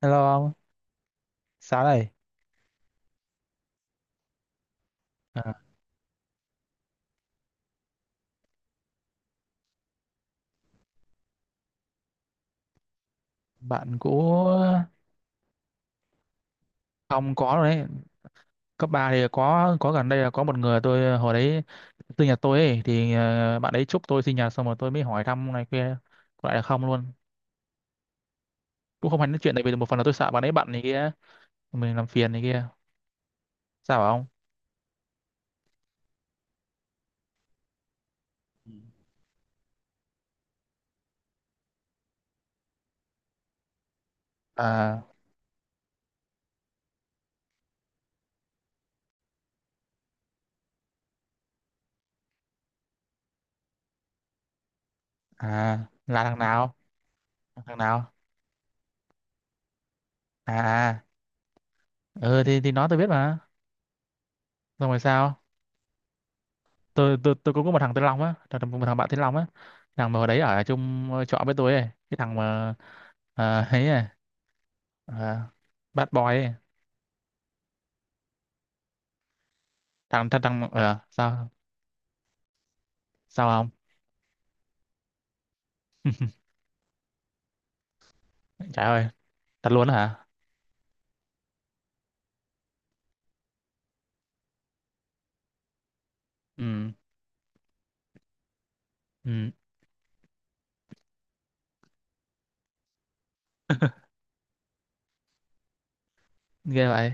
Hello ông, sao đây? À, bạn cũ ông có rồi đấy. Cấp 3 thì có gần đây là có một người tôi hồi đấy sinh nhật tôi ấy thì bạn ấy chúc tôi sinh nhật xong rồi tôi mới hỏi thăm này kia, có lại là không luôn. Cũng không hay nói chuyện, tại vì một phần là tôi sợ bạn ấy bận này kia, mình làm phiền này kia. Sao bảo ông? À, à là thằng nào? Thằng nào? À, à. Ừ thì nó tôi biết mà. Xong rồi sao? Tôi cũng có một thằng tên Long á, thằng thằng- một thằng bạn tên Long á, thằng mà hồi đấy ở chung trọ với tôi ấy, cái thằng mà ấy à, ờ, bad boy ấy. Thằng thằng, thằng sao. Sao không? Trời ơi. Thật luôn á hả? Ừ. Ừ. Ghê vậy.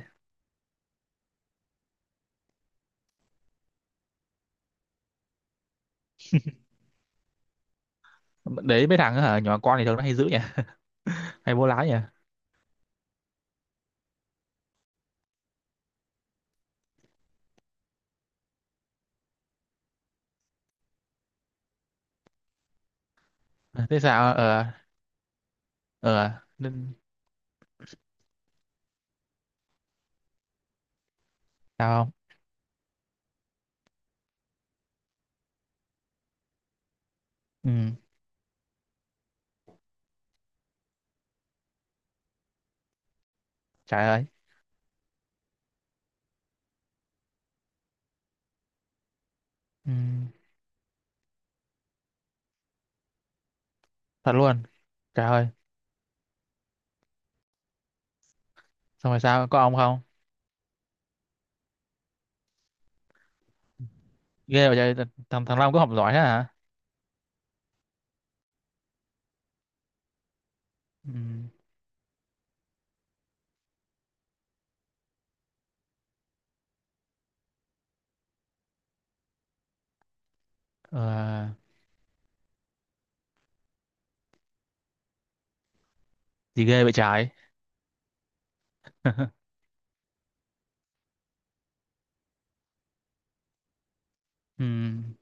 Đấy mấy thằng á hả, nhỏ con thì thường nó hay dữ nhỉ. Hay vô lái nhỉ. Thế sao ờ ờ. Nên. Sao không? Ừ. Trời ơi. Ừ. Thật luôn. Trời ơi. Xong rồi sao, có ông không? Ghê vậy trời, thằng thằng Long có học giỏi thế hả? Ừ. Ờ. Gì ghê vậy trái. Ừm.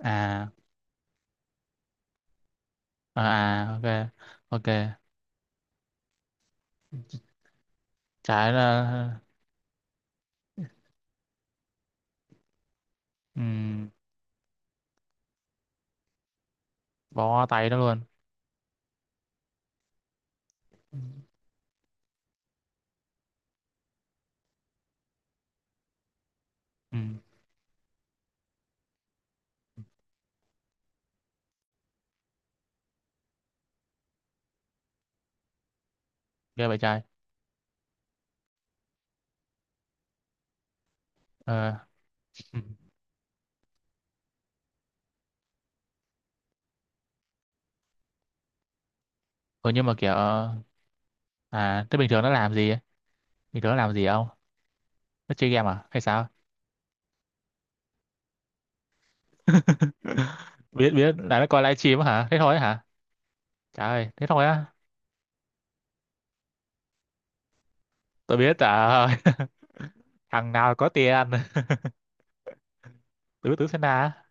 À à à, ok. Ok trái là. Ừm, bó tay đó luôn. Ừm. Ghê vậy trái. Ờ. Ừm. Ừ, nhưng mà kiểu. À, thế bình thường nó làm gì ấy? Bình thường nó làm gì không? Nó chơi game à hay sao? biết biết là nó coi livestream á hả, thế thôi á hả? Trời ơi, thế thôi á. Tôi biết, trời ơi. thằng nào có tiền. Tứ tứ sen na.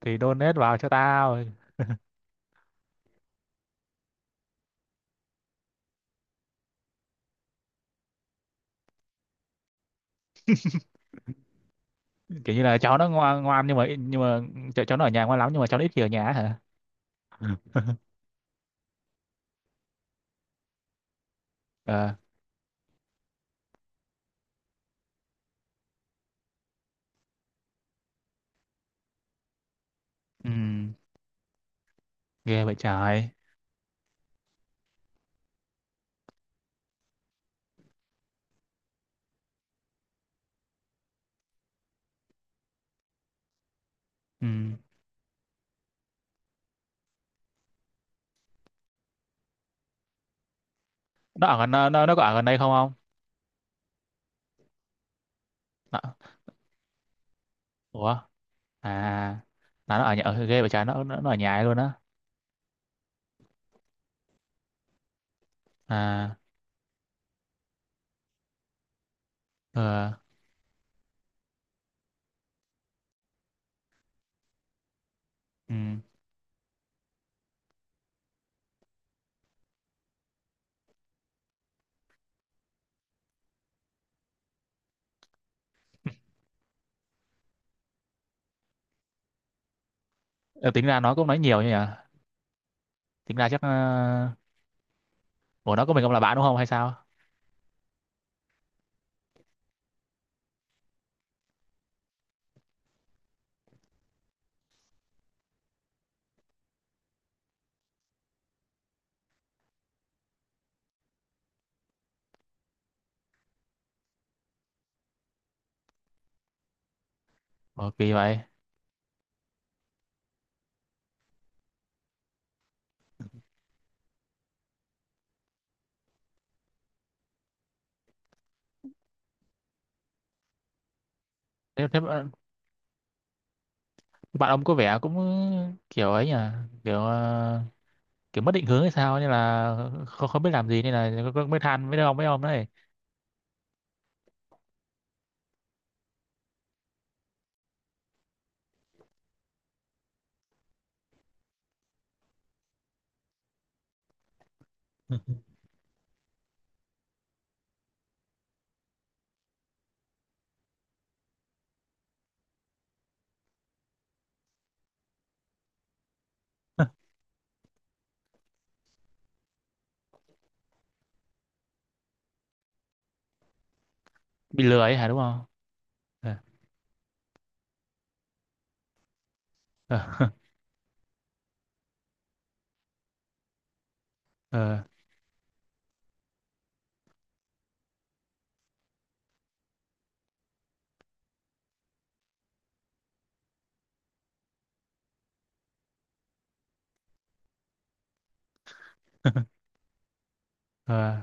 Thì donate vào cho tao. Kiểu như là cháu nó ngoan ngoan, nhưng mà cháu nó ở nhà ngoan lắm, nhưng mà cháu nó ít khi ở nhà á hả. Ờ. Ừ. Ghê vậy trời. Ừ. Nó ở gần, nó có ở gần đây không không? nó, Ủa. À là nó ở nhà ở ghê vậy trời, nó ở nhà ấy luôn á. À. Ờ. Ừ. Ờ, tính ra nó cũng nói nhiều như nhỉ. Tính ra chắc ờ, Ủa, nó có mình ông là bạn đúng không hay sao? Ủa kỳ vậy. Thế bạn. Bạn ông có vẻ cũng kiểu ấy nhỉ. Kiểu kiểu mất định hướng hay sao, nên là không không biết làm gì nên là mới than với ông đấy. Bị lừa ấy hả, đúng không? Ờ. Ờ. Ờ.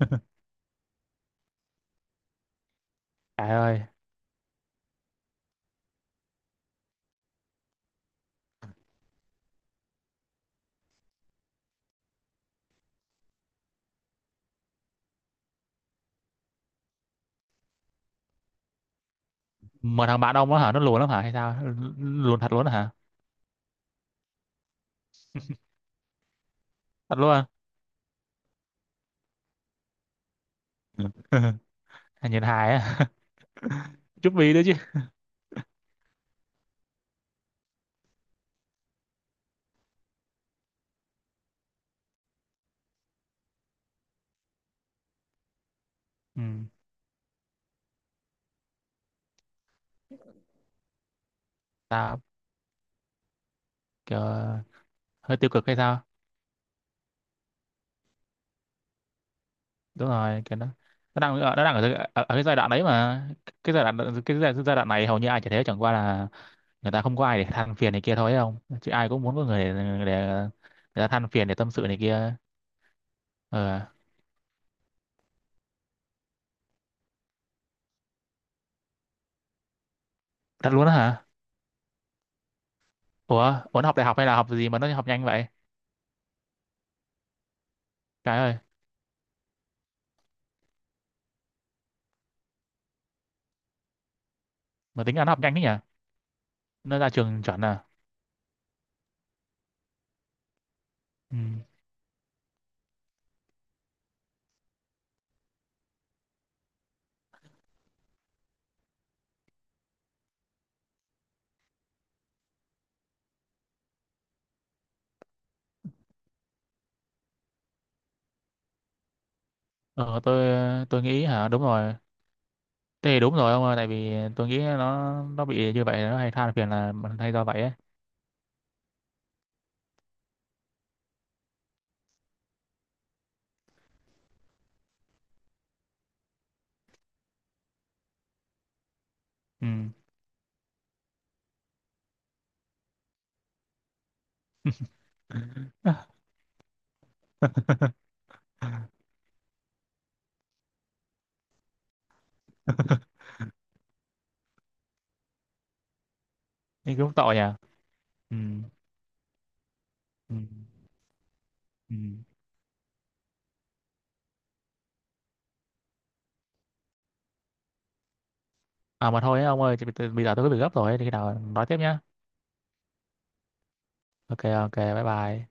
trời ơi. Mà thằng bạn ông nó hả, nó lùn lắm hả hay sao? Lùn thật luôn hả? Thật luôn. À. nhìn hài á. chút vì nữa chứ. Ừ. Sao. Kiểu hơi tiêu cực hay sao? Đúng rồi cái nó. Nó đang ở, ở cái giai đoạn đấy mà. Cái giai đoạn. Cái giai đoạn này hầu như ai chả thế, chẳng qua là người ta không có ai để than phiền này kia thôi ấy, không chứ ai cũng muốn có người để người ta than phiền, để tâm sự này kia. Ờ. Thật luôn á hả? Ủa, ủa nó học đại học hay là học gì mà nó học nhanh vậy? Cái ơi, mà tính ăn học nhanh thế nhỉ? Nó ra trường chuẩn à? Ừ. Ờ, tôi nghĩ hả, đúng rồi. Thế thì đúng rồi ông ơi, tại vì tôi nghĩ nó bị như vậy nó hay than phiền là hay do vậy ấy. Ừ. Nhưng cũng tội nhỉ. Ừ. Ừ. Ừ. À mà thôi ấy, ông ơi, bây giờ tôi có việc gấp rồi ấy, thì khi nào nói tiếp nhá. Ok ok, bye bye.